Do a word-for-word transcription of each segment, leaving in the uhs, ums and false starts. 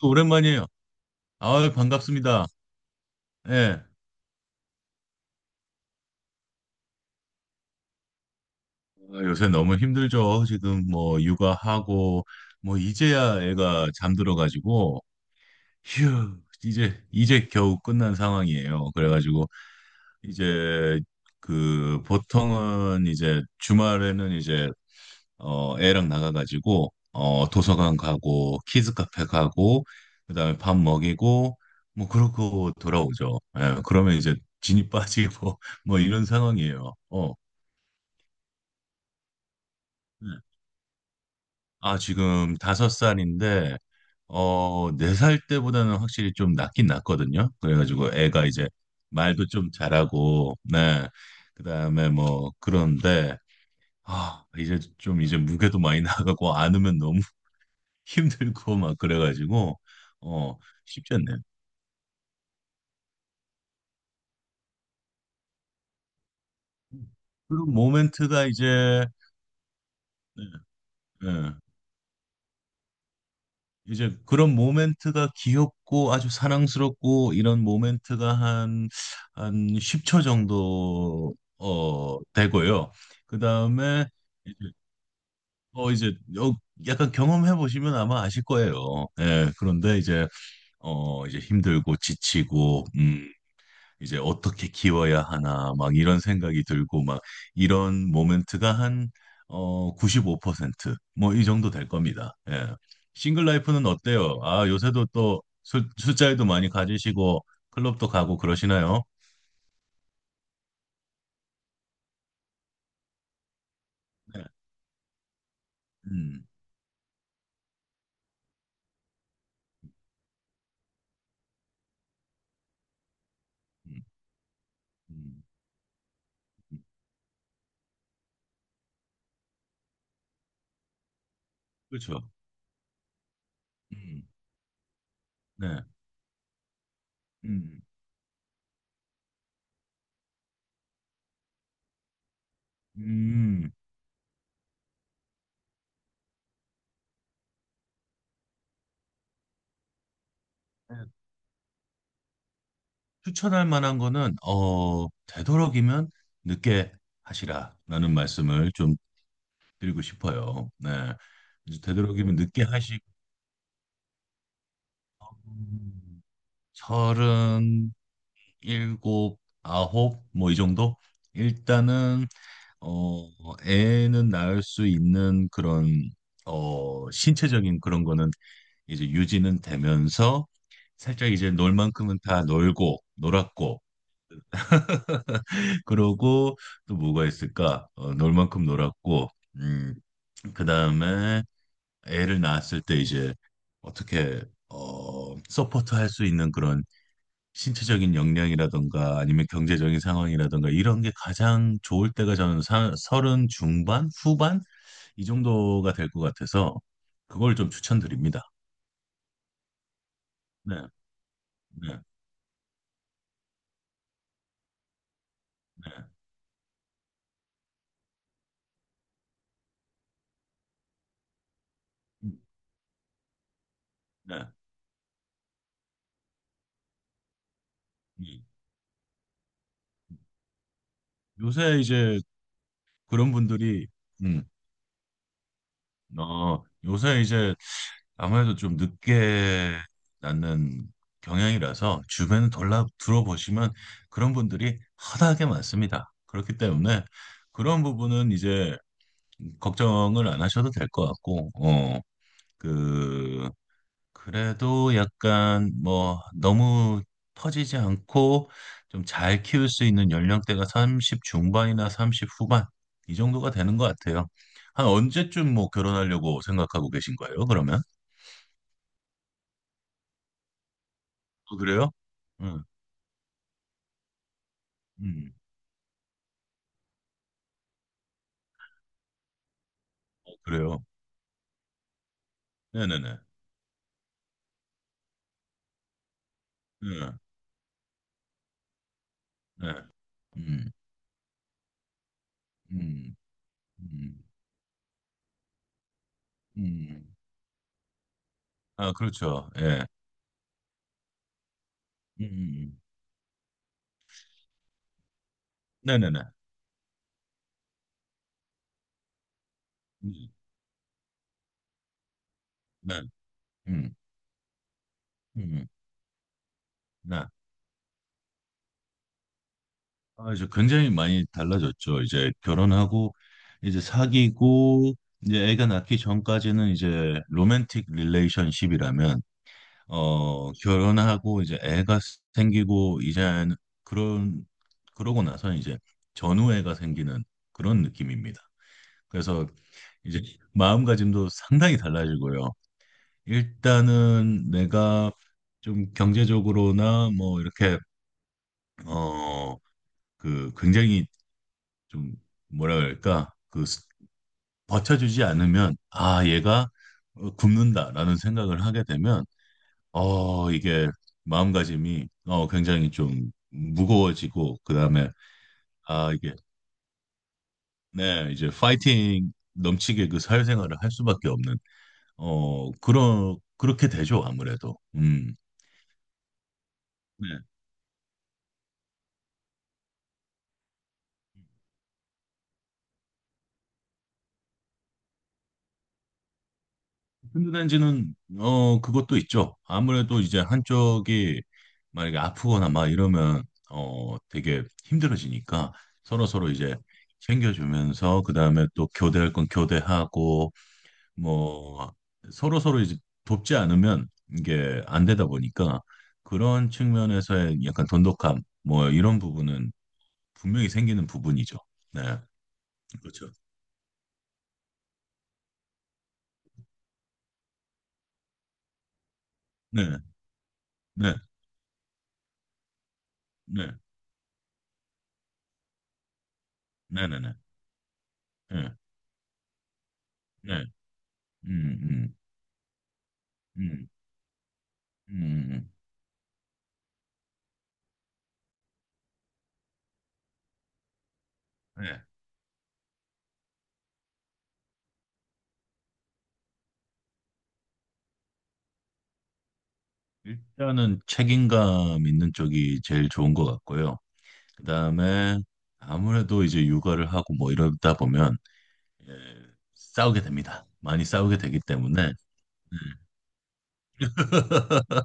그 오랜만이에요. 아, 반갑습니다. 예. 아, 요새 너무 힘들죠. 지금 뭐 육아하고 뭐 이제야 애가 잠들어 가지고 휴, 이제 이제 겨우 끝난 상황이에요. 그래 가지고 이제 그 보통은 이제 주말에는 이제 어, 애랑 나가가지고, 어, 도서관 가고, 키즈 카페 가고, 그다음에 밥 먹이고, 뭐, 그러고 돌아오죠. 예, 그러면 이제 진이 빠지고, 뭐, 이런 상황이에요. 어. 네. 아, 지금 다섯 살인데, 어, 네 살 때보다는 확실히 좀 낫긴 낫거든요. 그래가지고 애가 이제 말도 좀 잘하고, 네. 그다음에 뭐, 그런데, 아, 이제 좀 이제 무게도 많이 나가고, 안으면 너무 힘들고 막 그래가지고 어 쉽지 않네. 그런 모멘트가 이제 예, 예. 이제 그런 모멘트가 귀엽고 아주 사랑스럽고 이런 모멘트가 한 한 십 초 정도 어 되고요. 그 다음에 이제 어 이제 어, 약간 경험해 보시면 아마 아실 거예요. 예, 그런데 이제 어 이제 힘들고 지치고 음 이제 어떻게 키워야 하나 막 이런 생각이 들고 막 이런 모멘트가 한 어 구십오 퍼센트 뭐 이 정도 될 겁니다. 예. 싱글 라이프는 어때요? 아, 요새도 또 술, 술자리도 많이 가지시고 클럽도 가고 그러시나요? 네. 음. 음. 음. 그렇죠. 음. 네. 음. 음. 네. 추천할 만한 거는 어 되도록이면 늦게 하시라라는 말씀을 좀 드리고 싶어요. 네. 이제 되도록이면 늦게 하시고 서른 일곱 아홉 뭐 이 정도 일단은 어 애는 낳을 수 있는 그런 어 신체적인 그런 거는 이제 유지는 되면서 살짝 이제 놀 만큼은 다 놀고 놀았고 그러고 또 뭐가 있을까? 어, 놀 만큼 놀았고 음 그다음에 애를 낳았을 때 이제 어떻게 어 서포트 할 수 있는 그런 신체적인 역량이라든가 아니면 경제적인 상황이라든가 이런 게 가장 좋을 때가 저는 사- 서른 중반 후반 이 정도가 될 것 같아서 그걸 좀 추천드립니다. 네, 네, 네, 음, 네. 음. 요새 이제 그런 분들이 음, 어, 요새 이제 아무래도 좀 늦게 낳는 경향이라서 주변에 돌아 들어보시면 그런 분들이 허다하게 많습니다. 그렇기 때문에 그런 부분은 이제 걱정을 안 하셔도 될 것 같고, 어, 그, 그래도 약간 뭐 너무 터지지 않고 좀 잘 키울 수 있는 연령대가 삼십 중반이나 삼십 후반 이 정도가 되는 것 같아요. 한 언제쯤 뭐 결혼하려고 생각하고 계신 거예요, 그러면? 어, 그래요? 응. 음. 어, 그래요. 네네네. 네. 네. 음. 음. 음. 음. 아, 그렇죠. 예. 음. 음. 음. 네네네. 음. 네. 음. 음. 음. 네. 아, 이제 굉장히 많이 달라졌죠. 이제 결혼하고 이제 사귀고 이제 애가 낳기 전까지는 이제 로맨틱 릴레이션십이라면 어, 결혼하고 이제 애가 생기고 이제 그런 그러고 나서 이제 전우애가 생기는 그런 느낌입니다. 그래서 이제 마음가짐도 상당히 달라지고요. 일단은 내가 좀 경제적으로나 뭐 이렇게 어 그 굉장히 좀 뭐라 그럴까 그 스- 버텨주지 않으면 아 얘가 어, 굶는다라는 생각을 하게 되면 어 이게 마음가짐이 어 굉장히 좀 무거워지고 그다음에 아 이게 네 이제 파이팅 넘치게 그 사회생활을 할 수밖에 없는 어, 그러, 그렇게 되죠, 아무래도. 음. 네. 든든한지는, 어, 그것도 있죠. 아무래도 이제 한쪽이 만약에 아프거나 막 이러면, 어, 되게 힘들어지니까 서로서로 이제 챙겨주면서, 그 다음에 또 교대할 건 교대하고, 뭐, 서로서로 이제 돕지 않으면 이게 안 되다 보니까 그런 측면에서의 약간 돈독함, 뭐, 이런 부분은 분명히 생기는 부분이죠. 네. 그렇죠. 네. 네. 네, 네네네. 네, 네, 음, 음, 음, 음, 네. 일단은 책임감 있는 쪽이 제일 좋은 것 같고요. 그 다음에 아무래도 이제 육아를 하고 뭐 이러다 보면 예, 싸우게 됩니다. 많이 싸우게 되기 때문에 네.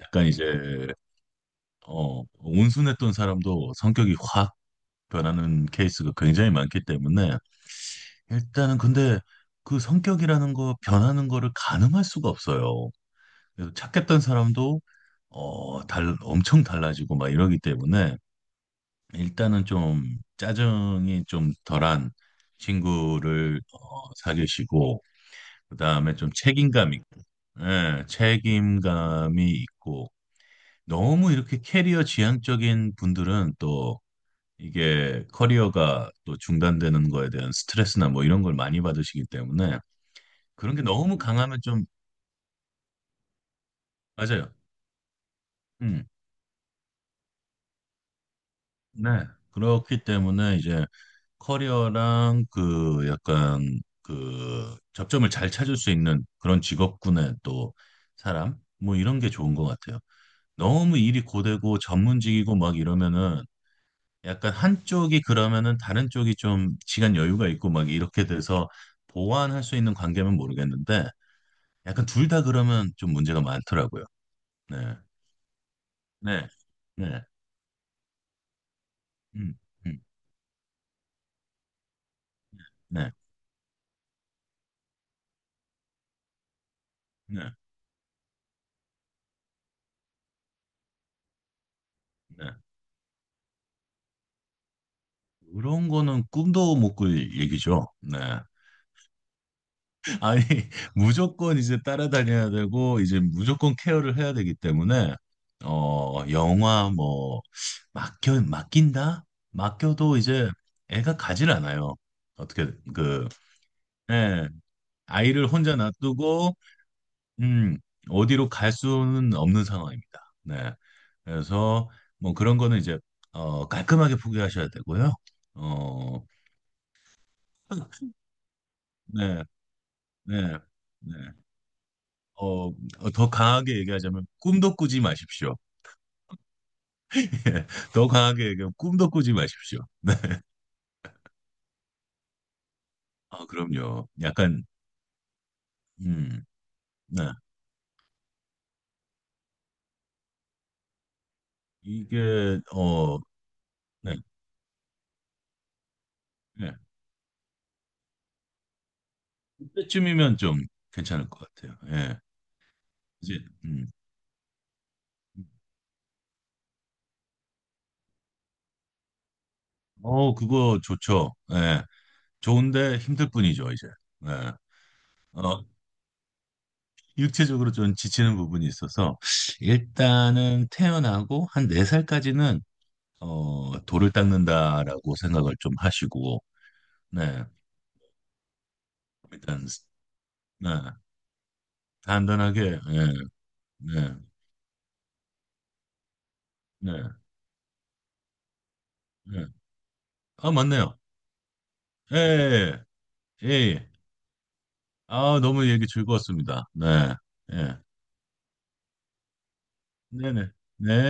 약간 이제 어, 온순했던 사람도 성격이 확 변하는 케이스가 굉장히 많기 때문에 일단은 근데 그 성격이라는 거 변하는 거를 가늠할 수가 없어요. 그래서 착했던 사람도 어, 달, 엄청 달라지고 막 이러기 때문에 일단은 좀 짜증이 좀 덜한 친구를 어, 사귀시고 그다음에 좀 책임감 있고 예, 책임감이 있고 너무 이렇게 캐리어 지향적인 분들은 또 이게 커리어가 또 중단되는 거에 대한 스트레스나 뭐 이런 걸 많이 받으시기 때문에 그런 게 너무 강하면 좀 맞아요. 음, 네. 그렇기 때문에 이제 커리어랑 그 약간 그 접점을 잘 찾을 수 있는 그런 직업군의 또 사람 뭐 이런 게 좋은 것 같아요. 너무 일이 고되고 전문직이고 막 이러면은 약간 한쪽이 그러면은 다른 쪽이 좀 시간 여유가 있고 막 이렇게 돼서 보완할 수 있는 관계면 모르겠는데 약간 둘 다 그러면 좀 문제가 많더라고요. 네. 네. 네. 음. 음. 네. 네. 네. 그런 거는 꿈도 못 꿀 얘기죠. 네. 아니, 무조건 이제 따라다녀야 되고, 이제 무조건 케어를 해야 되기 때문에, 어, 영화 뭐, 맡겨, 맡긴다? 맡겨도 이제 애가 가질 않아요. 어떻게, 그, 예, 아이를 혼자 놔두고, 음, 어디로 갈 수는 없는 상황입니다. 네. 그래서, 뭐 그런 거는 이제, 어, 깔끔하게 포기하셔야 되고요. 어, 네, 네, 네. 어, 더 강하게 얘기하자면, 꿈도 꾸지 마십시오. 예, 더 강하게 얘기하면 꿈도 꾸지 마십시오. 아, 그럼요. 약간, 음, 네. 이게, 어, 네, 네. 그때쯤이면 좀 괜찮을 것 같아요. 예. 이제, 음. 어, 그거 좋죠. 예. 좋은데 힘들 뿐이죠, 이제. 예. 어, 육체적으로 좀 지치는 부분이 있어서, 일단은 태어나고 한 네살까지는 어, 돌을 닦는다라고 생각을 좀 하시고, 네. 일단, 네. 단단하게, 예. 네. 네. 네. 아, 맞네요. 예. 예. 예. 예. 아, 너무 얘기 즐거웠습니다. 네. 예. 네네. 네.